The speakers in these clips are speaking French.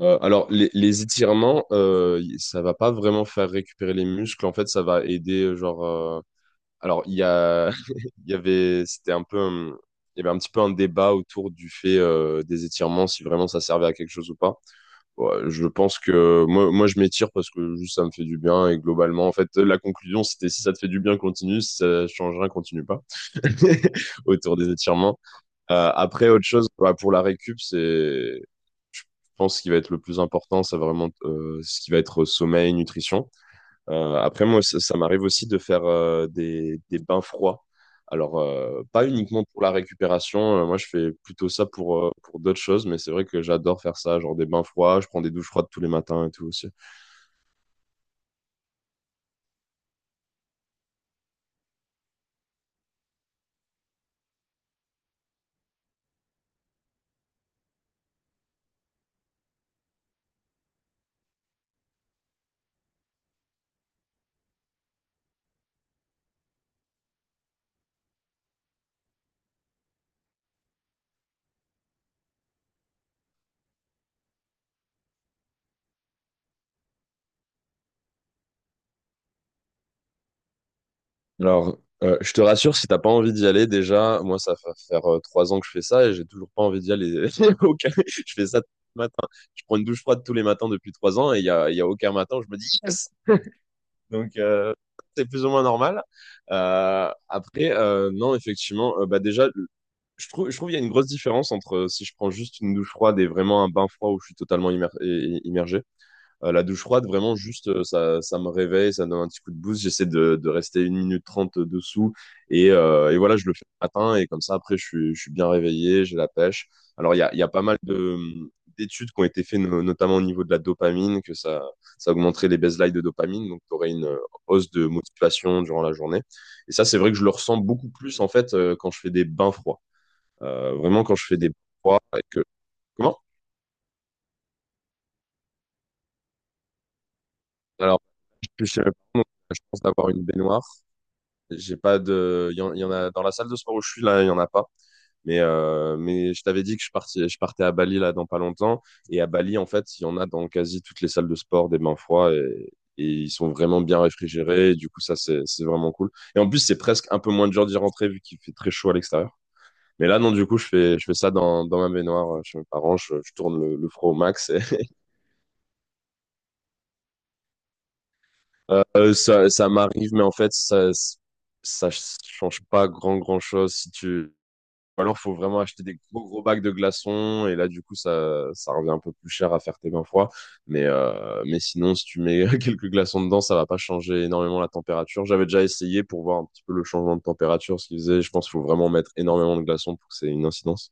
Les étirements, ça va pas vraiment faire récupérer les muscles. En fait, ça va aider, Alors, il y a, il y avait, c'était un peu, un- il y avait un petit peu un débat autour du fait des étirements, si vraiment ça servait à quelque chose ou pas. Ouais, je pense que moi, je m'étire parce que juste ça me fait du bien et globalement, en fait, la conclusion, c'était si ça te fait du bien, continue. Si ça change rien, continue pas. Autour des étirements. Après, autre chose, bah, pour la récup, c'est je pense que ce qui va être le plus important, c'est vraiment ce qui va être sommeil, nutrition. Après, moi, ça m'arrive aussi de faire des bains froids. Alors, pas uniquement pour la récupération, moi je fais plutôt ça pour d'autres choses, mais c'est vrai que j'adore faire ça, genre des bains froids, je prends des douches froides tous les matins et tout aussi. Alors, je te rassure, si t'as pas envie d'y aller, déjà, moi ça va faire trois ans que je fais ça et j'ai toujours pas envie d'y aller. Je fais ça tous les matins. Je prends une douche froide tous les matins depuis trois ans et il y a aucun matin où je me dis, yes. Donc, c'est plus ou moins normal. Non, effectivement, bah déjà, je trouve qu'il y a une grosse différence entre si je prends juste une douche froide et vraiment un bain froid où je suis totalement immergé. La douche froide, vraiment, juste, ça me réveille, ça me donne un petit coup de boost. J'essaie de rester une minute trente dessous. Et voilà, je le fais le matin. Et comme ça, après, je suis bien réveillé, j'ai la pêche. Alors, il y a pas mal de, d'études qui ont été faites, notamment au niveau de la dopamine, ça augmenterait les baselines de dopamine. Donc, tu aurais une hausse de motivation durant la journée. Et ça, c'est vrai que je le ressens beaucoup plus, en fait, quand je fais des bains froids. Vraiment, quand je fais des bains froids. Et que... Comment? Alors, je suis chez mes parents, donc je pense avoir une baignoire. J'ai pas de. Il y en a dans la salle de sport où je suis là, il y en a pas. Mais je t'avais dit que je partais à Bali là dans pas longtemps. Et à Bali, en fait, il y en a dans quasi toutes les salles de sport des bains froids et ils sont vraiment bien réfrigérés. Et du coup, ça, c'est vraiment cool. Et en plus, c'est presque un peu moins dur d'y rentrer vu qu'il fait très chaud à l'extérieur. Mais là, non, du coup, je fais ça dans ma baignoire chez mes parents. Je tourne le froid au max. Et, ça m'arrive, mais en fait, ça change pas grand chose si tu alors, faut vraiment acheter des gros bacs de glaçons. Et là, du coup, ça revient un peu plus cher à faire tes 20 fois. Mais sinon, si tu mets quelques glaçons dedans, ça va pas changer énormément la température. J'avais déjà essayé pour voir un petit peu le changement de température, ce qu'ils faisaient. Je pense qu'il faut vraiment mettre énormément de glaçons pour que c'est une incidence.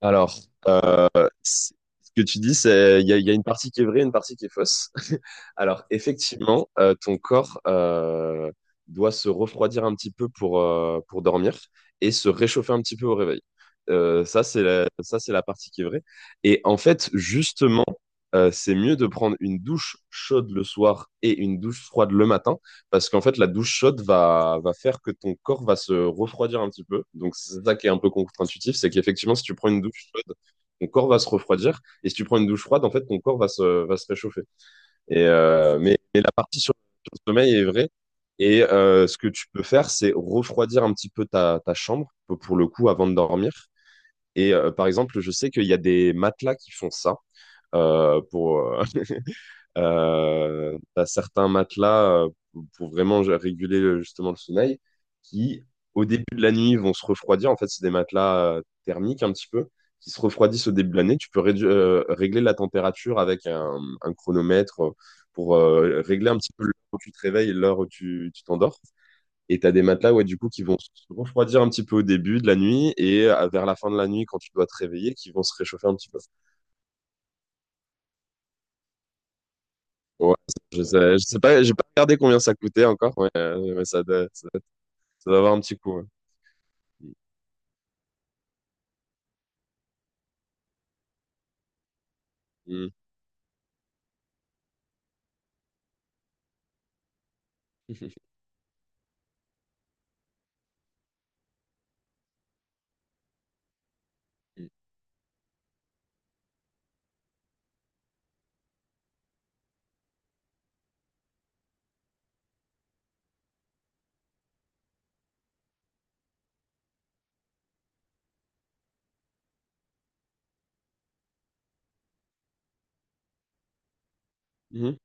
Alors, c'est- ce que tu dis, c'est il y a une partie qui est vraie, une partie qui est fausse. Alors effectivement, ton corps doit se refroidir un petit peu pour dormir et se réchauffer un petit peu au réveil. Ça, c'est la partie qui est vraie. Et en fait, justement, c'est mieux de prendre une douche chaude le soir et une douche froide le matin, parce qu'en fait, la douche chaude va faire que ton corps va se refroidir un petit peu. Donc, c'est ça qui est un peu contre-intuitif, c'est qu'effectivement, si tu prends une douche ton corps va se refroidir. Et si tu prends une douche froide, en fait, ton corps va va se réchauffer. Et, mais la partie sur le sommeil est vraie. Et ce que tu peux faire, c'est refroidir un petit peu ta chambre, pour le coup, avant de dormir. Et par exemple, je sais qu'il y a des matelas qui font ça euh, pour, euh, t'as certains matelas pour vraiment réguler justement le sommeil qui, au début de la nuit, vont se refroidir. En fait, c'est des matelas thermiques un petit peu qui se refroidissent au début de l'année. Tu peux régler la température avec un chronomètre pour régler un petit peu l'heure où tu te réveilles et l'heure où tu t'endors. Et t'as des matelas, ouais, du coup, qui vont se refroidir un petit peu au début de la nuit et vers la fin de la nuit, quand tu dois te réveiller, qui vont se réchauffer un petit peu. Ouais, je sais pas, j'ai pas regardé combien ça coûtait encore, mais ça doit avoir un petit coup. Ouais. Mm. Mhm.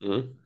Mhm.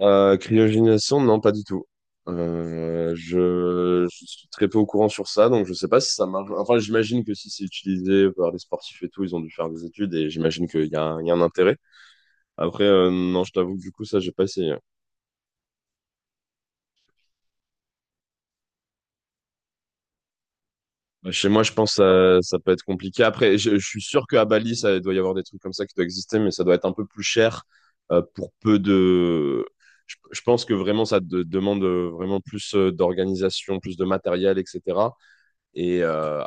Cryogénisation, non, pas du tout. Je suis très peu au courant sur ça, donc je sais pas si ça marche. Enfin, j'imagine que si c'est utilisé par les sportifs et tout, ils ont dû faire des études et j'imagine qu'il y a, il y a un intérêt. Après, non, je t'avoue que du coup, ça, j'ai pas essayé. Bah, chez moi, je pense que ça peut être compliqué. Après, je suis sûr qu'à Bali, ça doit y avoir des trucs comme ça qui doivent exister, mais ça doit être un peu plus cher pour peu de... je pense que vraiment, demande vraiment plus d'organisation, plus de matériel, etc. Et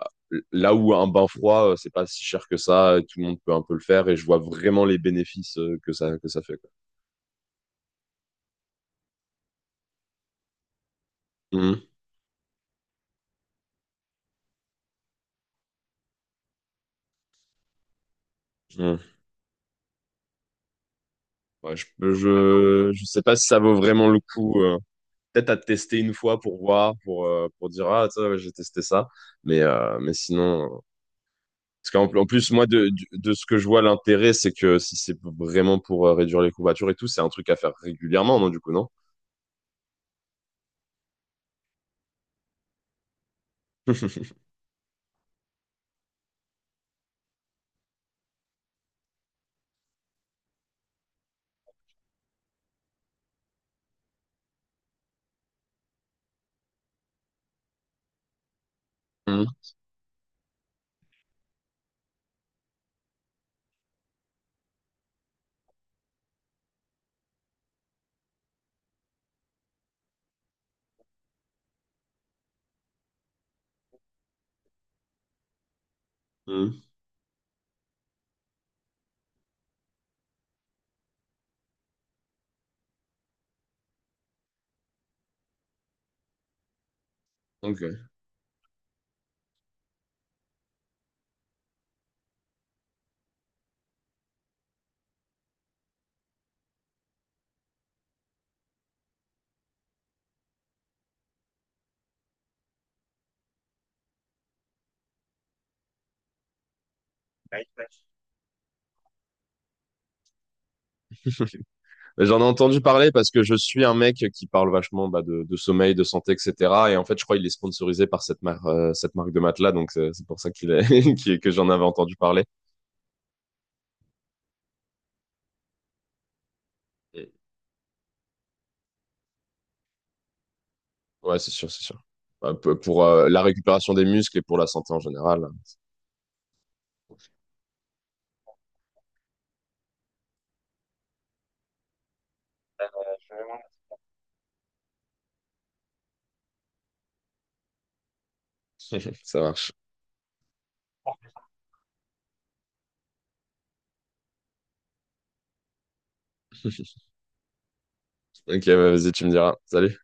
là où un bain froid, c'est pas si cher que ça, et tout le monde peut un peu le faire, et je vois vraiment les bénéfices que ça fait, quoi. Mhm, mhm. Ouais, je sais pas si ça vaut vraiment le coup. Peut-être à tester une fois pour voir, pour dire, ah, ça, ouais, j'ai testé ça. Mais, parce qu'en en plus, moi, de ce que je vois, l'intérêt, c'est que si c'est vraiment pour réduire les courbatures et tout, c'est un truc à faire régulièrement, non, du coup, non? Mhm. Mhm. Ok. Mais j'en ai entendu parler parce que je suis un mec qui parle vachement bah, de sommeil, de santé, etc. Et en fait, je crois qu'il est sponsorisé par cette marque de matelas, donc c'est pour ça qu'il est, que j'en avais entendu parler. Ouais, c'est sûr. Bah, pour la récupération des muscles et pour la santé en général, ça marche. Ok, bah, vas-y, tu me diras. Salut.